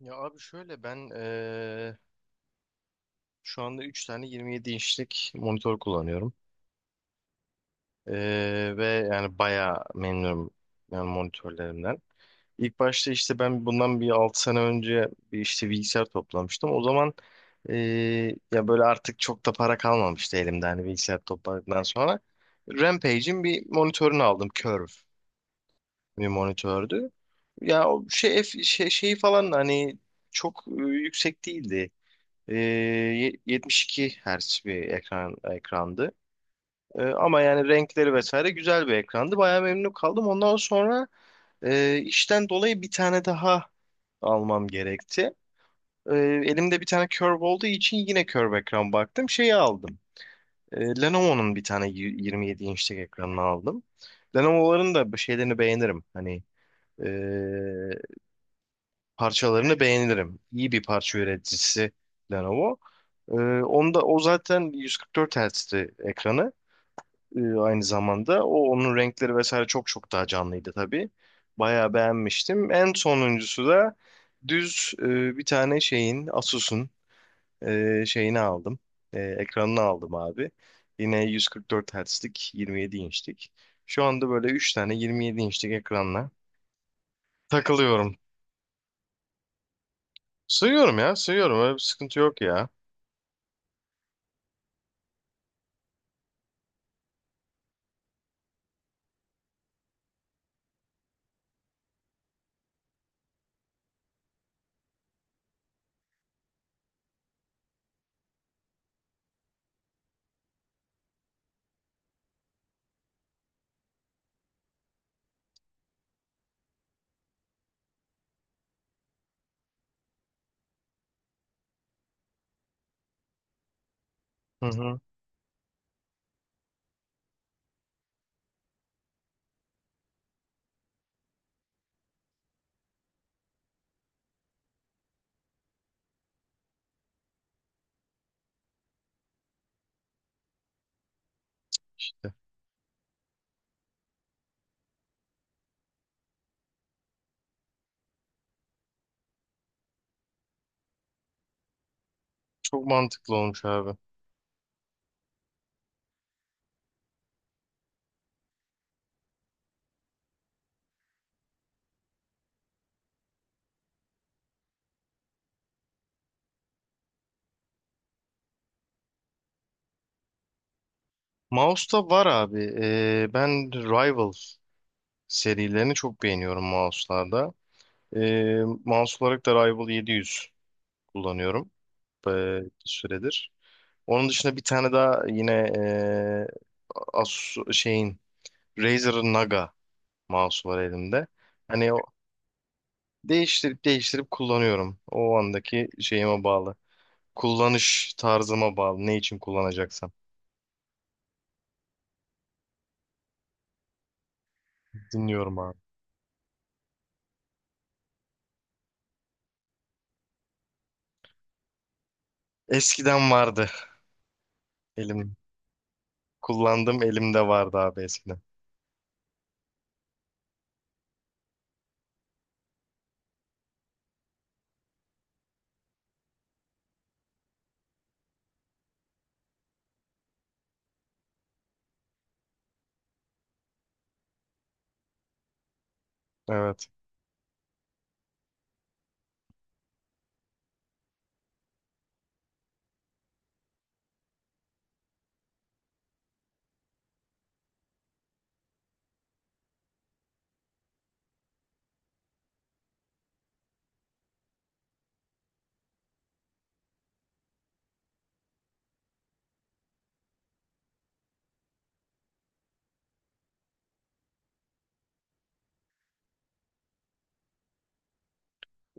Ya abi şöyle ben şu anda 3 tane 27 inçlik monitör kullanıyorum. Ve yani bayağı memnunum yani monitörlerimden. İlk başta işte ben bundan bir 6 sene önce bir işte bilgisayar toplamıştım. O zaman ya böyle artık çok da para kalmamıştı elimde hani bilgisayar topladıktan sonra. Rampage'in bir monitörünü aldım. Curve bir monitördü. Ya o şeyi falan hani çok yüksek değildi. 72 Hz bir ekrandı. Ama yani renkleri vesaire güzel bir ekrandı. Bayağı memnun kaldım. Ondan sonra işten dolayı bir tane daha almam gerekti. Ee, elimde bir tane curve olduğu için yine curve ekran baktım. Şeyi aldım. Lenovo'nun bir tane 27 inçlik ekranını aldım. Lenovo'ların da bu şeylerini beğenirim. Hani ee, parçalarını beğenirim. İyi bir parça üreticisi Lenovo. Ee, onda o zaten 144 Hz'ti ekranı aynı zamanda. O onun renkleri vesaire çok daha canlıydı tabii. Bayağı beğenmiştim. En sonuncusu da düz bir tane Asus'un şeyini aldım. Ekranını aldım abi. Yine 144 Hz'lik 27 inçlik. Şu anda böyle 3 tane 27 inçlik ekranla takılıyorum. Sığıyorum ya, sığıyorum. Öyle bir sıkıntı yok ya. Hı hı. Çok mantıklı olmuş abi. Mouse'da var abi. Ben Rival serilerini çok beğeniyorum mouse'larda. Ee, mouse olarak da Rival 700 kullanıyorum ee, bir süredir. Onun dışında bir tane daha yine ee, Asus şeyin Razer'ın Naga mouse'u var elimde. Hani o değiştirip değiştirip kullanıyorum. O andaki şeyime bağlı. Kullanış tarzıma bağlı. Ne için kullanacaksam. Dinliyorum abi. Eskiden vardı. Elim kullandığım elimde vardı abi eskiden. Evet.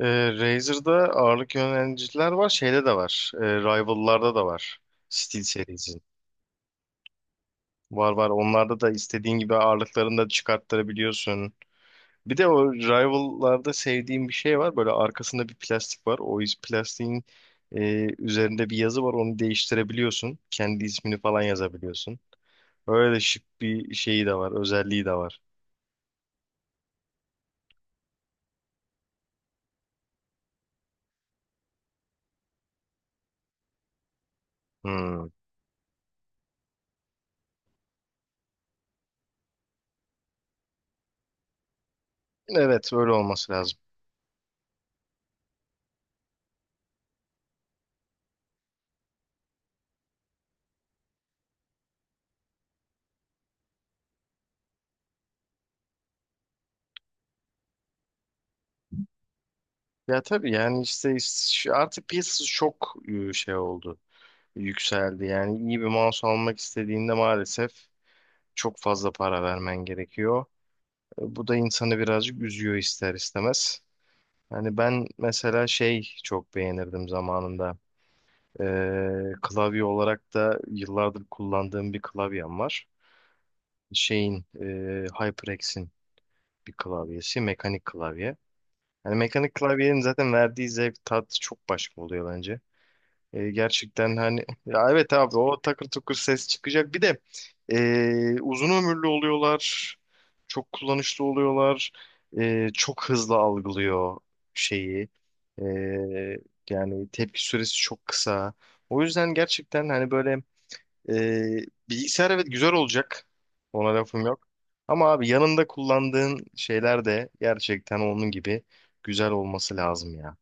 Razer'da ağırlık yöneliciler var. Şeyde de var. Rival'larda da var. Steel Series'in. Var, var. Onlarda da istediğin gibi ağırlıklarını da çıkarttırabiliyorsun. Bir de o Rival'larda sevdiğim bir şey var. Böyle arkasında bir plastik var. Plastiğin üzerinde bir yazı var. Onu değiştirebiliyorsun. Kendi ismini falan yazabiliyorsun. Öyle şık bir şeyi de var. Özelliği de var. Hmm. Evet, öyle olması lazım. Ya tabii yani işte artık piyasası çok şey oldu. Yükseldi. Yani iyi bir mouse almak istediğinde maalesef çok fazla para vermen gerekiyor. Bu da insanı birazcık üzüyor ister istemez. Hani ben mesela şey çok beğenirdim zamanında. Klavye olarak da yıllardır kullandığım bir klavyem var. Şeyin e, HyperX'in bir klavyesi, mekanik klavye. Yani mekanik klavyenin zaten verdiği zevk tat çok başka oluyor bence. Gerçekten hani ya evet abi o takır tukur ses çıkacak. Bir de uzun ömürlü oluyorlar. Çok kullanışlı oluyorlar. Çok hızlı algılıyor şeyi. E, yani tepki süresi çok kısa. O yüzden gerçekten hani böyle e, bilgisayar evet güzel olacak. Ona lafım yok. Ama abi yanında kullandığın şeyler de gerçekten onun gibi güzel olması lazım ya.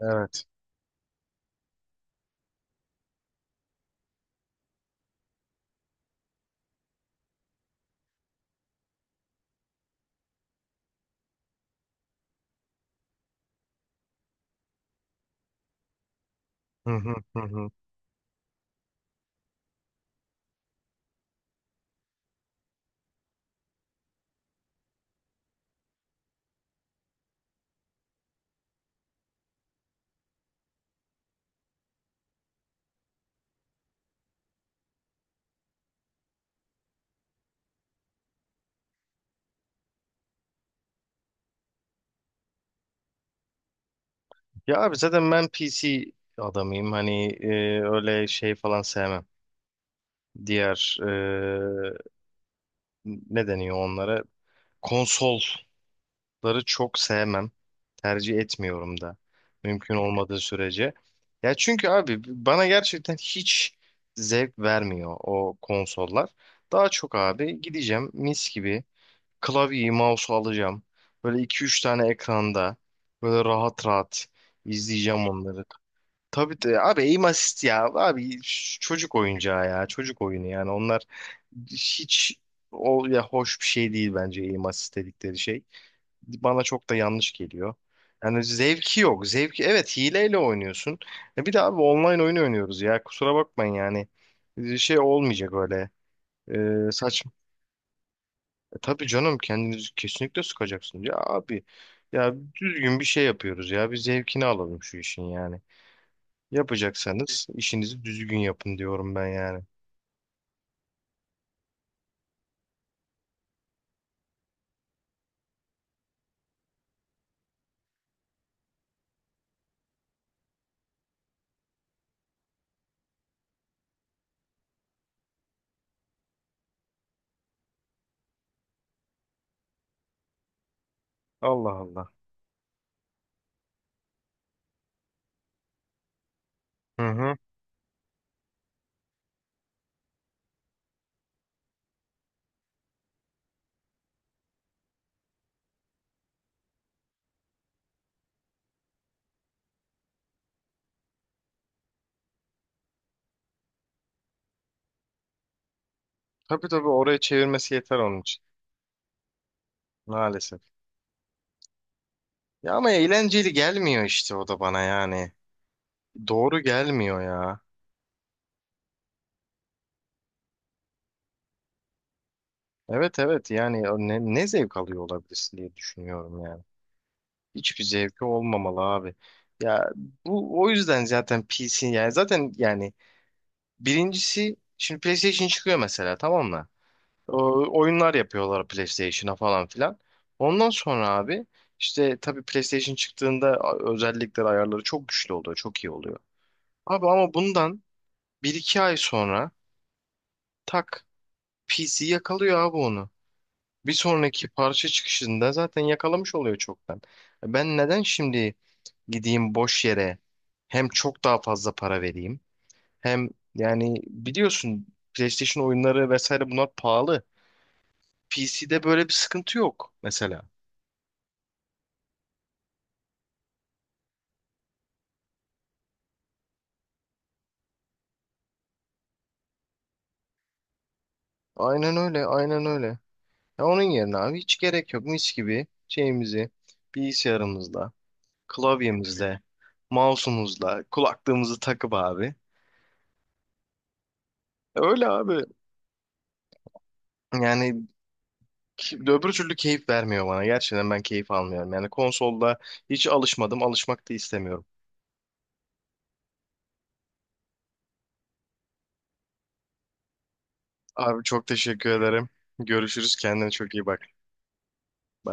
Evet. Hı hı, hı hı. Ya abi zaten ben PC adamıyım. Hani öyle şey falan sevmem. Diğer ne deniyor onlara? Konsolları çok sevmem. Tercih etmiyorum da. Mümkün olmadığı sürece. Ya çünkü abi bana gerçekten hiç zevk vermiyor o konsollar. Daha çok abi gideceğim mis gibi klavyeyi, mouse'u alacağım. Böyle iki üç tane ekranda böyle rahat rahat izleyeceğim onları. Tabii de abi aim assist ya abi çocuk oyuncağı ya çocuk oyunu yani onlar hiç o ya hoş bir şey değil bence aim assist dedikleri şey. Bana çok da yanlış geliyor. Yani zevki yok. Zevki evet hileyle oynuyorsun. E bir de abi online oyun oynuyoruz ya kusura bakmayın yani. Şey olmayacak öyle. Saçma. Tabii canım kendinizi kesinlikle sıkacaksınız ya abi. Ya düzgün bir şey yapıyoruz ya bir zevkini alalım şu işin yani. Yapacaksanız işinizi düzgün yapın diyorum ben yani. Allah Allah. Hı hı. Tabii tabii, oraya çevirmesi yeter onun için. Maalesef. Ya ama eğlenceli gelmiyor işte o da bana yani. Doğru gelmiyor ya. Evet, evet, yani ne zevk alıyor olabilirsin diye düşünüyorum yani. Hiçbir zevki olmamalı abi. Ya bu o yüzden zaten PC, yani zaten yani birincisi şimdi PlayStation çıkıyor mesela, tamam mı? Oyunlar yapıyorlar PlayStation'a falan filan. Ondan sonra abi işte tabii PlayStation çıktığında özellikleri, ayarları çok güçlü oluyor, çok iyi oluyor. Abi ama bundan 1 2 ay sonra tak, PC yakalıyor abi onu. Bir sonraki parça çıkışında zaten yakalamış oluyor çoktan. Ben neden şimdi gideyim boş yere, hem çok daha fazla para vereyim, hem yani biliyorsun PlayStation oyunları vesaire bunlar pahalı. PC'de böyle bir sıkıntı yok mesela. Aynen öyle, aynen öyle. Ya onun yerine abi hiç gerek yok. Mis gibi şeyimizi, bilgisayarımızla, klavyemizle, mouse'umuzla, kulaklığımızı takıp abi. Öyle abi. Yani öbür türlü keyif vermiyor bana. Gerçekten ben keyif almıyorum. Yani konsolda hiç alışmadım, alışmak da istemiyorum. Abi çok teşekkür ederim. Görüşürüz. Kendine çok iyi bak. Bye.